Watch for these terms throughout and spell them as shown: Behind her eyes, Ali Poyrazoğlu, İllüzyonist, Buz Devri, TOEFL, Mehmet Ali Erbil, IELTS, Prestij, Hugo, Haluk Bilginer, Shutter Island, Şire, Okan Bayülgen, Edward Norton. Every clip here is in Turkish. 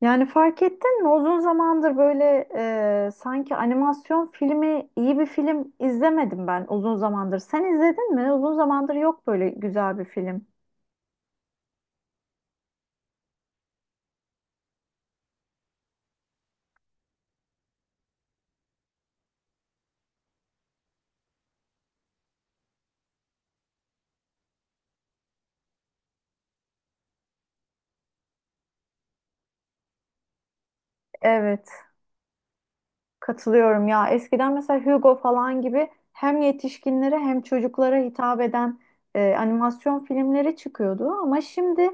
Yani fark ettin mi? Uzun zamandır böyle sanki animasyon filmi, iyi bir film izlemedim ben uzun zamandır. Sen izledin mi? Uzun zamandır yok böyle güzel bir film. Evet, katılıyorum ya. Eskiden mesela Hugo falan gibi hem yetişkinlere hem çocuklara hitap eden animasyon filmleri çıkıyordu. Ama şimdi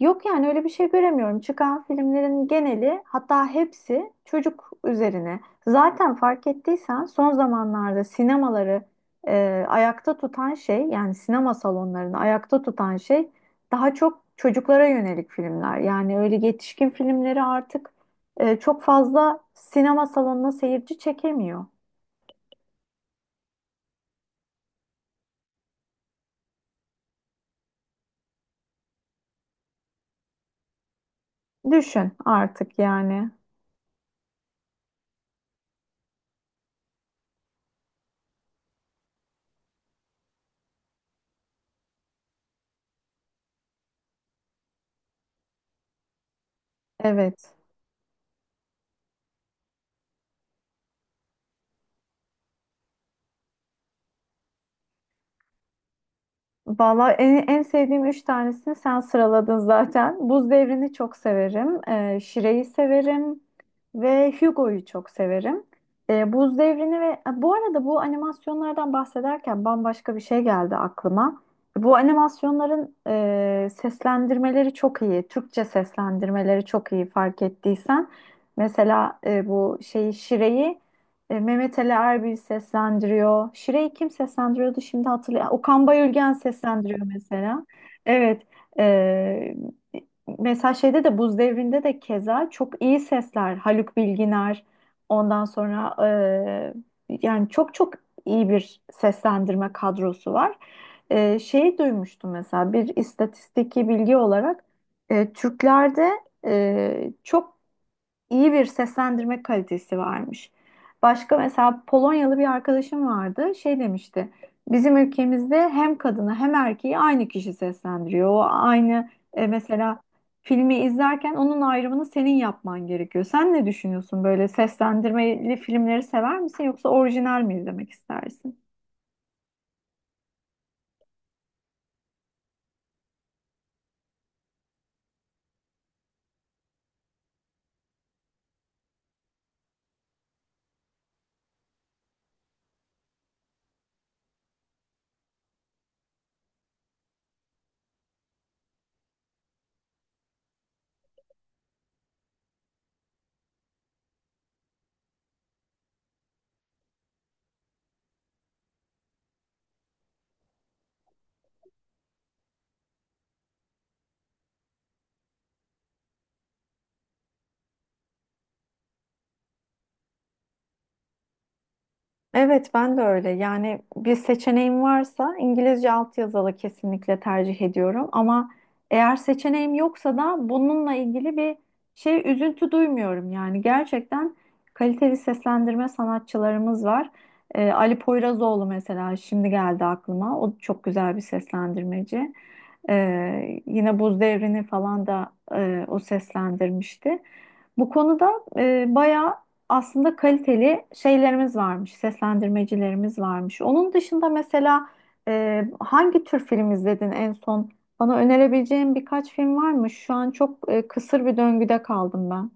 Yok yani öyle bir şey göremiyorum. Çıkan filmlerin geneli hatta hepsi çocuk üzerine. Zaten fark ettiysen son zamanlarda sinemaları ayakta tutan şey yani sinema salonlarını ayakta tutan şey daha çok çocuklara yönelik filmler. Yani öyle yetişkin filmleri artık çok fazla sinema salonuna seyirci çekemiyor. Düşün artık yani. Evet. Valla en sevdiğim üç tanesini sen sıraladın zaten. Buz Devri'ni çok severim. Şire'yi severim. Ve Hugo'yu çok severim. Buz Devri'ni ve bu arada bu animasyonlardan bahsederken bambaşka bir şey geldi aklıma. Bu animasyonların seslendirmeleri çok iyi. Türkçe seslendirmeleri çok iyi fark ettiysen. Mesela bu Şire'yi Mehmet Ali Erbil seslendiriyor. Şire'yi kim seslendiriyordu şimdi hatırlayayım. Okan Bayülgen seslendiriyor mesela. Evet. e, Mesela şeyde de Buz Devri'nde de keza çok iyi sesler. Haluk Bilginer ondan sonra yani çok iyi bir seslendirme kadrosu var. Şeyi duymuştum mesela bir istatistiki bilgi olarak Türklerde çok iyi bir seslendirme kalitesi varmış. Başka mesela Polonyalı bir arkadaşım vardı. Şey demişti. Bizim ülkemizde hem kadını hem erkeği aynı kişi seslendiriyor. O aynı mesela filmi izlerken onun ayrımını senin yapman gerekiyor. Sen ne düşünüyorsun, böyle seslendirmeli filmleri sever misin yoksa orijinal mi izlemek istersin? Evet, ben de öyle. Yani bir seçeneğim varsa İngilizce altyazılı kesinlikle tercih ediyorum. Ama eğer seçeneğim yoksa da bununla ilgili bir şey üzüntü duymuyorum. Yani gerçekten kaliteli seslendirme sanatçılarımız var. Ali Poyrazoğlu mesela şimdi geldi aklıma. O çok güzel bir seslendirmeci. Yine Buz Devri'ni falan da o seslendirmişti. Bu konuda bayağı aslında kaliteli şeylerimiz varmış, seslendirmecilerimiz varmış. Onun dışında mesela hangi tür film izledin en son? Bana önerebileceğin birkaç film var mı? Şu an çok kısır bir döngüde kaldım ben.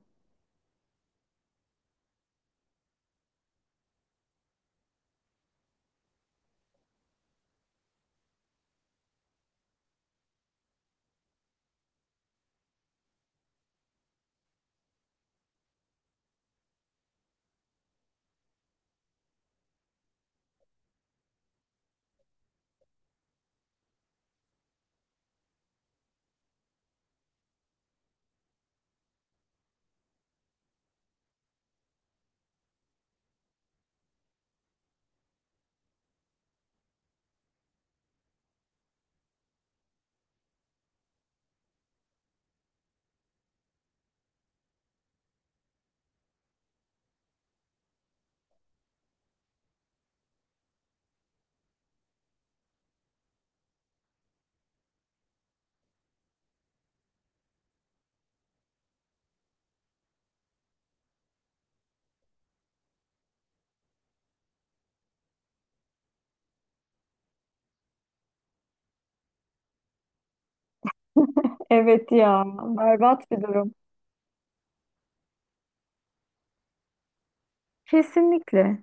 Evet ya, berbat bir durum. Kesinlikle.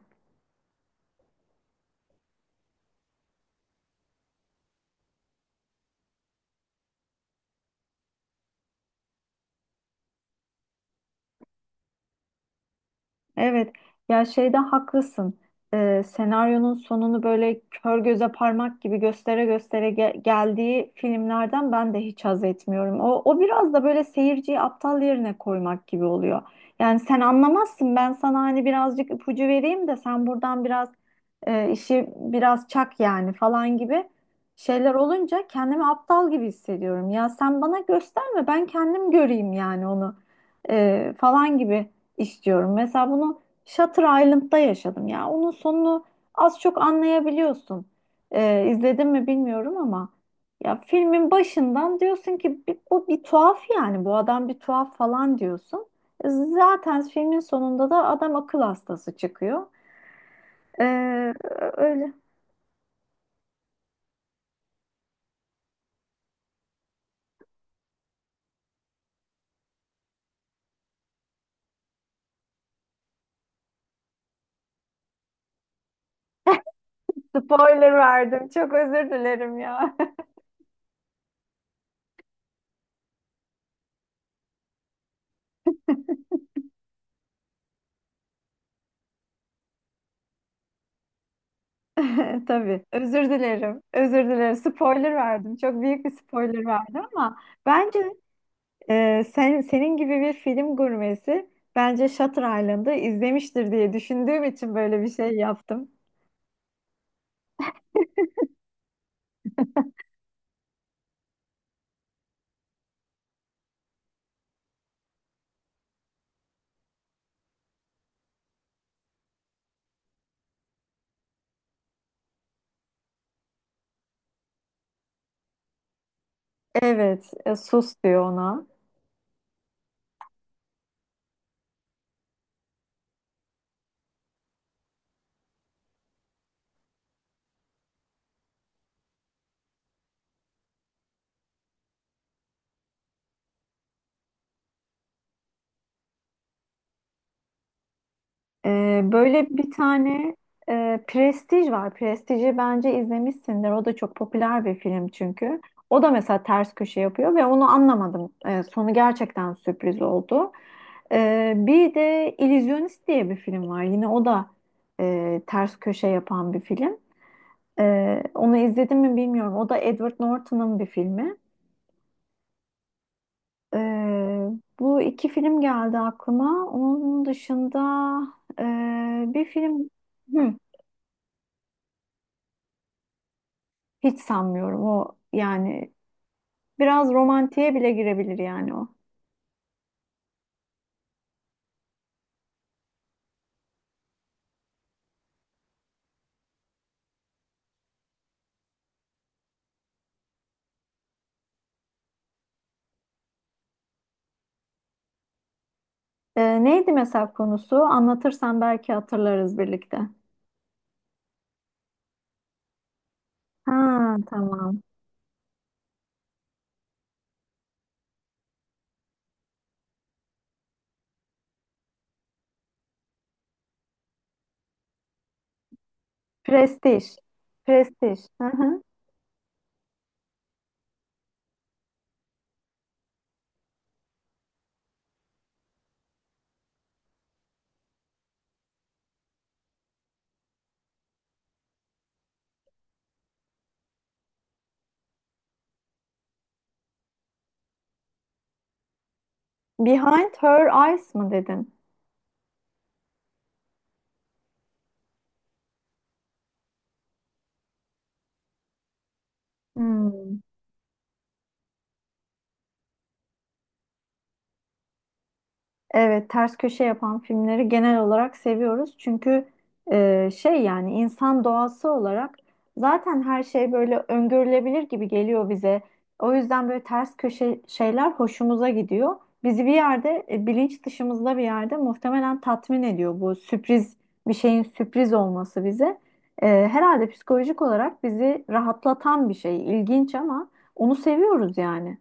Evet, ya şeyde haklısın. Senaryonun sonunu böyle kör göze parmak gibi göstere göstere geldiği filmlerden ben de hiç haz etmiyorum. O biraz da böyle seyirciyi aptal yerine koymak gibi oluyor. Yani sen anlamazsın, ben sana hani birazcık ipucu vereyim de sen buradan biraz işi biraz çak yani falan gibi şeyler olunca kendimi aptal gibi hissediyorum. Ya sen bana gösterme, ben kendim göreyim yani onu falan gibi istiyorum. Mesela bunu Shutter Island'da yaşadım ya. Onun sonunu az çok anlayabiliyorsun. İzledin mi bilmiyorum ama ya filmin başından diyorsun ki "Bir- bu bir tuhaf yani bu adam bir tuhaf falan diyorsun. Zaten filmin sonunda da adam akıl hastası çıkıyor. Ee, Öyle spoiler verdim. Çok özür dilerim ya. Tabii. Özür dilerim. Özür dilerim. Spoiler verdim. Çok büyük bir spoiler verdim ama bence senin gibi bir film gurmesi bence Shutter Island'ı izlemiştir diye düşündüğüm için böyle bir şey yaptım. Evet. Sus diyor ona. Böyle bir tane Prestij var. Prestij'i bence izlemişsindir. O da çok popüler bir film çünkü. O da mesela ters köşe yapıyor ve onu anlamadım. Sonu gerçekten sürpriz oldu. Bir de İllüzyonist diye bir film var. Yine o da ters köşe yapan bir film. Onu izledim mi bilmiyorum. O da Edward Norton'ın bir filmi. Ee, Bu iki film geldi aklıma. Onun dışında e, bir film... Hı. Hiç sanmıyorum o yani, biraz romantiğe bile girebilir yani o. Neydi mesela konusu? Anlatırsan belki hatırlarız birlikte. Ha tamam. Prestij. Prestij. Hı hı. Behind Her Eyes mı dedin? Hmm. Evet, ters köşe yapan filmleri genel olarak seviyoruz. Çünkü yani insan doğası olarak zaten her şey böyle öngörülebilir gibi geliyor bize. O yüzden böyle ters köşe şeyler hoşumuza gidiyor. Bizi bir yerde bilinç dışımızda bir yerde muhtemelen tatmin ediyor bu bir şeyin sürpriz olması bize. Herhalde psikolojik olarak bizi rahatlatan bir şey. İlginç ama onu seviyoruz yani.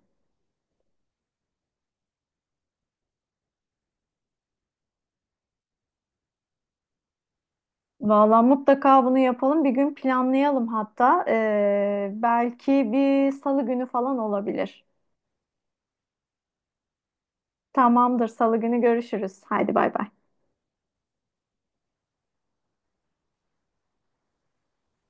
Valla mutlaka bunu yapalım. Bir gün planlayalım hatta. Belki bir salı günü falan olabilir. Tamamdır, salı günü görüşürüz. Haydi bay bay.